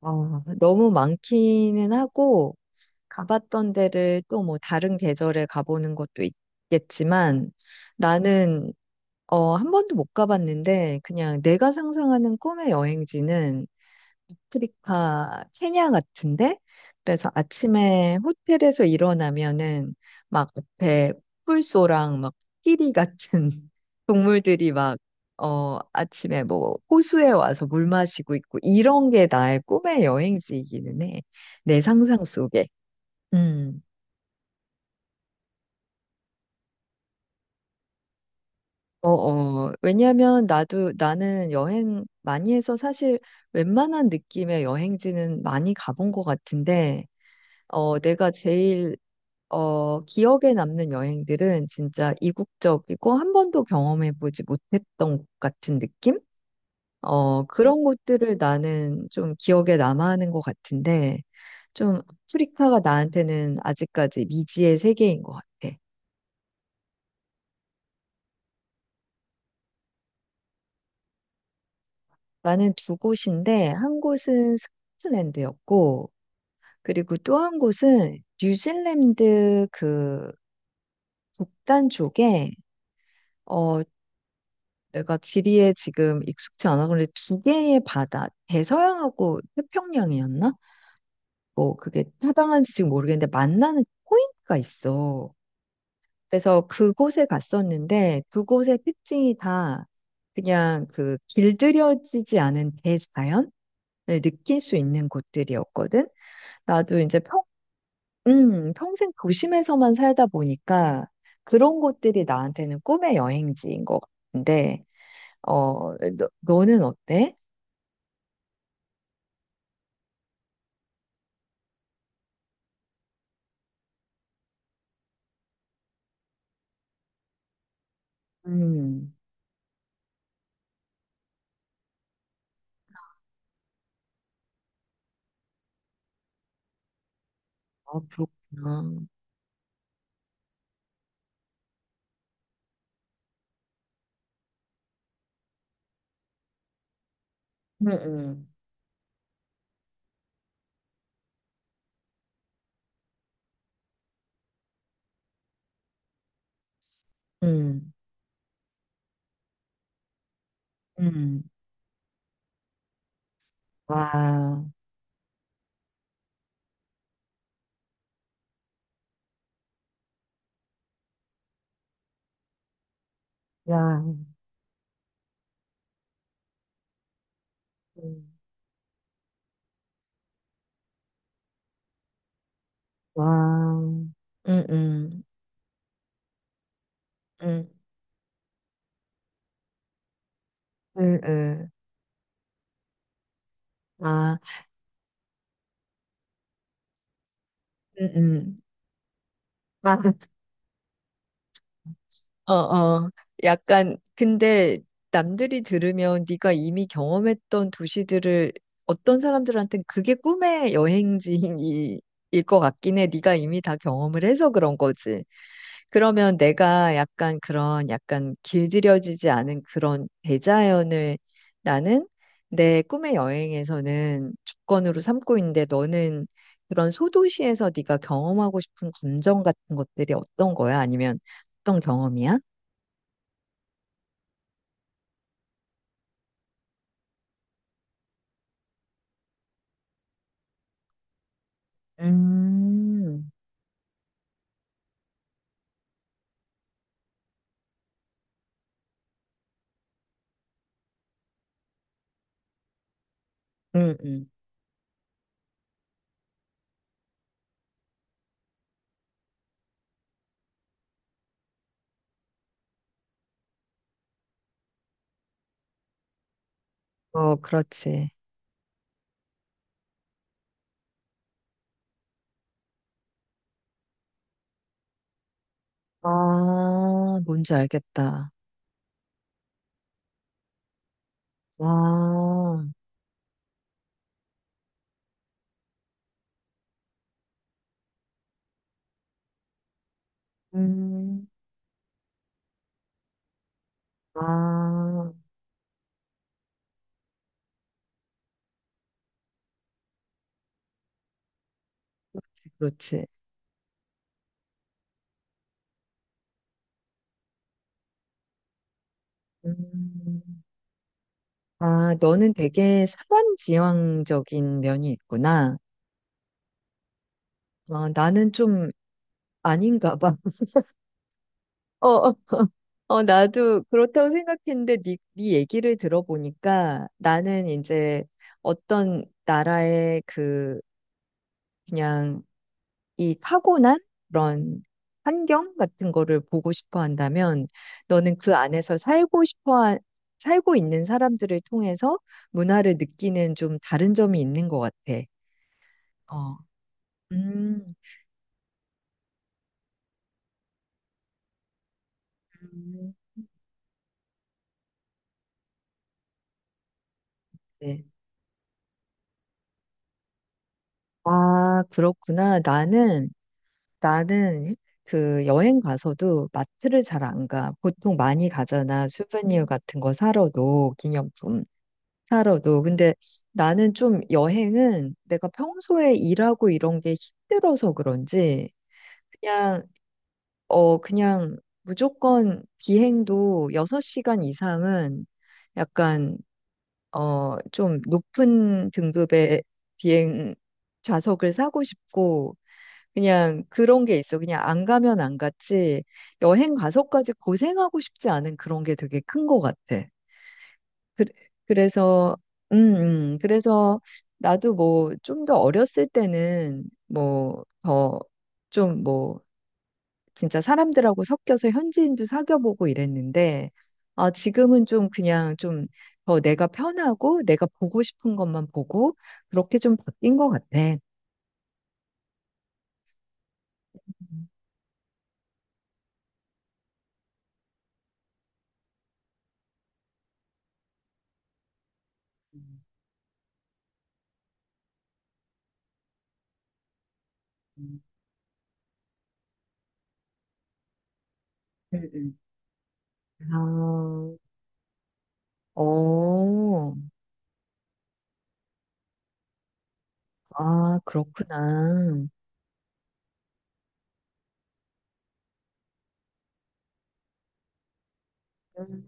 너무 많기는 하고, 가봤던 데를 또 뭐 다른 계절에 가보는 것도 있겠지만, 나는, 한 번도 못 가봤는데, 그냥 내가 상상하는 꿈의 여행지는 아프리카 케냐 같은데 그래서 아침에 호텔에서 일어나면은 막 앞에 꿀소랑 막 끼리 같은 동물들이 막 아침에 뭐 호수에 와서 물 마시고 있고 이런 게 나의 꿈의 여행지이기는 해. 내 상상 속에. 음. 왜냐면 나도 나는 여행 많이 해서 사실 웬만한 느낌의 여행지는 많이 가본 것 같은데, 내가 제일 기억에 남는 여행들은 진짜 이국적이고 한 번도 경험해보지 못했던 곳 같은 느낌? 그런 곳들을 나는 좀 기억에 남아하는 것 같은데, 좀 아프리카가 나한테는 아직까지 미지의 세계인 것 같아. 나는 두 곳인데, 한 곳은 스코틀랜드였고, 그리고 또 한 곳은 뉴질랜드 그 북단 쪽에 어, 내가 지리에 지금 익숙치 않아. 근데 두 개의 바다, 대서양하고 태평양이었나? 뭐, 그게 타당한지 지금 모르겠는데, 만나는 포인트가 있어. 그래서 그곳에 갔었는데, 두 곳의 특징이 다 그냥 그 길들여지지 않은 대자연을 느낄 수 있는 곳들이었거든. 나도 이제 평생 도심에서만 살다 보니까 그런 곳들이 나한테는 꿈의 여행지인 것 같은데, 너는 어때? 음. 아, 그렇구나. 음, 음, 음, 음. 와, 야, 음. 와, 음, 음, 음, 음, 음. 아, 음. 아, 어, 어. 약간, 근데 남들이 들으면 네가 이미 경험했던 도시들을 어떤 사람들한테는 그게 꿈의 여행지일 것 같긴 해. 네가 이미 다 경험을 해서 그런 거지. 그러면 내가 약간 그런 약간 길들여지지 않은 그런 대자연을 나는 내 꿈의 여행에서는 조건으로 삼고 있는데 너는 그런 소도시에서 네가 경험하고 싶은 감정 같은 것들이 어떤 거야? 아니면 어떤 경험이야? 음, 응, 응. 어, 그렇지. 아, 뭔지 알겠다. 와, 음, 아, 그렇지. 음. 아, 너는 되게 사람지향적인 면이 있구나. 나는 좀 아닌가 봐. 어, 어, 나도 그렇다고 생각했는데 네 얘기를 들어보니까 나는 이제 어떤 나라의 그 그냥 이 타고난 그런 환경 같은 거를 보고 싶어 한다면 너는 그 안에서 살고 싶어 살고 있는 사람들을 통해서 문화를 느끼는 좀 다른 점이 있는 것 같아. 어. 음. 음. 네. 아, 그렇구나. 나는 그 여행 가서도 마트를 잘 안 가. 보통 많이 가잖아. 수베니어 같은 거 사러도, 기념품 사러도. 근데 나는 좀 여행은 내가 평소에 일하고 이런 게 힘들어서 그런지, 그냥, 그냥 무조건 비행도 6시간 이상은 약간 좀 높은 등급의 비행 좌석을 사고 싶고, 그냥 그런 게 있어. 그냥 안 가면 안 갔지, 여행 가서까지 고생하고 싶지 않은 그런 게 되게 큰 것 같아. 그, 그래서, 음, 그래서 나도 뭐 좀 더 어렸을 때는 뭐더좀뭐 진짜 사람들하고 섞여서 현지인도 사귀어보고 이랬는데, 아, 지금은 좀 그냥 좀 더 내가 편하고 내가 보고 싶은 것만 보고 그렇게 좀 바뀐 것 같아. 음, 음, 음, 음, 음. 아, 어, 아, 그렇구나.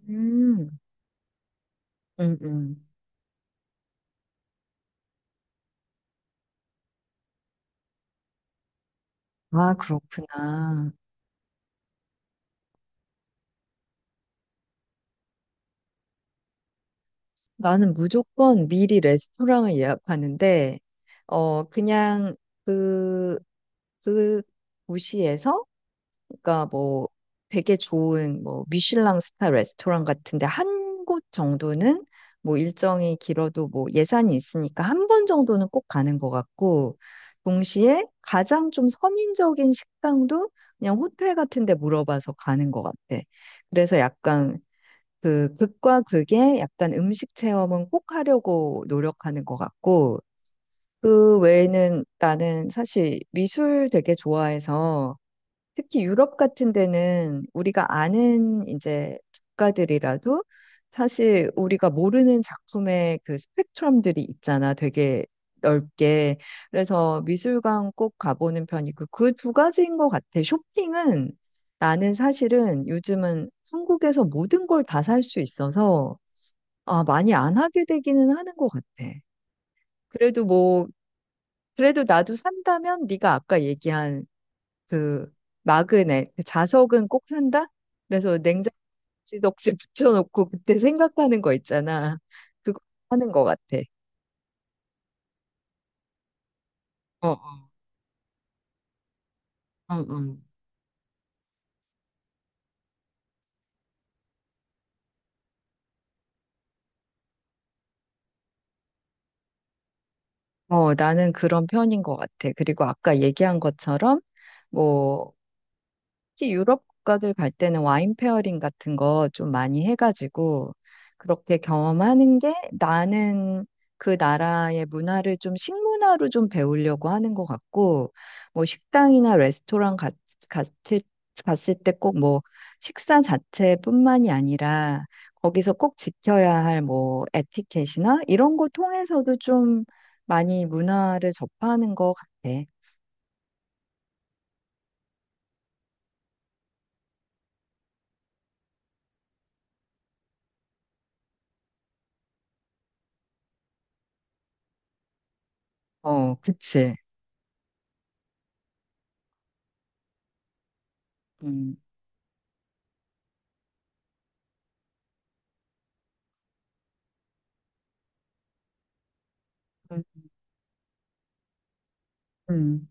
음, 음, 음. 아, 그렇구나. 나는 무조건 미리 레스토랑을 예약하는데, 그냥 그, 그 도시에서 그러니까 뭐 되게 좋은 뭐 미슐랭 스타 레스토랑 같은데 한 곳 정도는 뭐 일정이 길어도 뭐 예산이 있으니까 한 번 정도는 꼭 가는 것 같고 동시에 가장 좀 서민적인 식당도 그냥 호텔 같은 데 물어봐서 가는 것 같아. 그래서 약간 그 극과 극의 약간 음식 체험은 꼭 하려고 노력하는 것 같고 그 외에는 나는 사실 미술 되게 좋아해서 특히 유럽 같은 데는 우리가 아는 이제 작가들이라도 사실 우리가 모르는 작품의 그 스펙트럼들이 있잖아. 되게 넓게. 그래서 미술관 꼭 가보는 편이고 그 두 가지인 것 같아. 쇼핑은 나는 사실은 요즘은 한국에서 모든 걸 다 살 수 있어서 아, 많이 안 하게 되기는 하는 것 같아. 그래도 뭐, 그래도 나도 산다면 네가 아까 얘기한 그 마그넷, 그 자석은 꼭 산다? 그래서 냉장고지 덕지 붙여놓고 그때 생각하는 거 있잖아. 그거 하는 것 같아. 어, 어, 어, 어. 나는 그런 편인 것 같아. 그리고 아까 얘기한 것처럼, 뭐, 특히 유럽 국가들 갈 때는 와인 페어링 같은 거 좀 많이 해가지고 그렇게 경험하는 게 나는 그 나라의 문화를 좀 식문화로 좀 배우려고 하는 것 같고 뭐 식당이나 레스토랑 갔을, 갔을 때 꼭 뭐 식사 자체뿐만이 아니라 거기서 꼭 지켜야 할 뭐 에티켓이나 이런 거 통해서도 좀 많이 문화를 접하는 것 같아. 어, 그치. 음. 음. 음.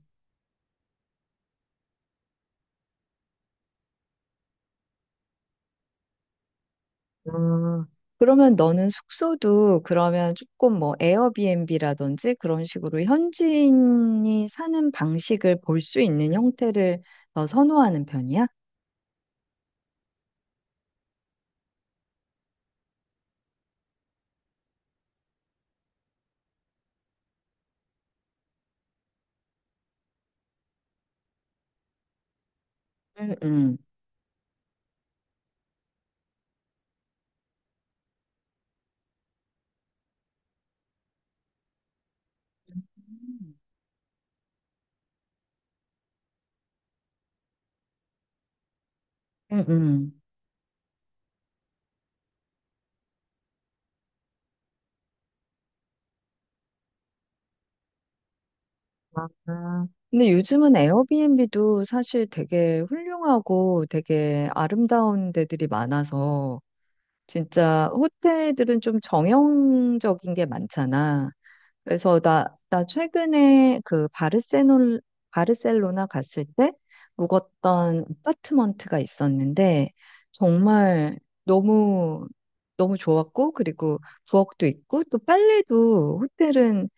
아, 그러면 너는 숙소도 그러면 조금 뭐 에어비앤비라든지 그런 식으로 현지인이 사는 방식을 볼 수 있는 형태를 더 선호하는 편이야? 응, 응, 음. 응, 응. 아, 근데 요즘은 에어비앤비도 사실 되게 훌륭하고 되게 아름다운 데들이 많아서 진짜 호텔들은 좀 정형적인 게 많잖아. 그래서 나 최근에 그 바르셀로나 갔을 때 묵었던 아파트먼트가 있었는데 정말 너무 너무 좋았고 그리고 부엌도 있고 또 빨래도 호텔은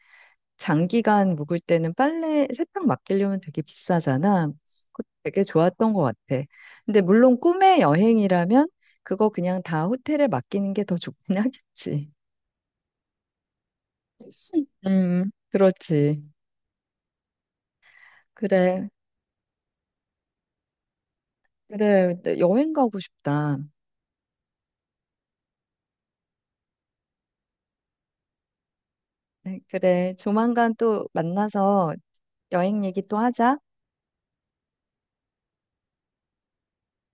장기간 묵을 때는 빨래 세탁 맡기려면 되게 비싸잖아. 그것도 되게 좋았던 것 같아. 근데 물론 꿈의 여행이라면 그거 그냥 다 호텔에 맡기는 게 더 좋긴 하겠지. 그렇지. 그래. 그래, 너 여행 가고 싶다. 네, 그래, 조만간 또 만나서 여행 얘기 또 하자.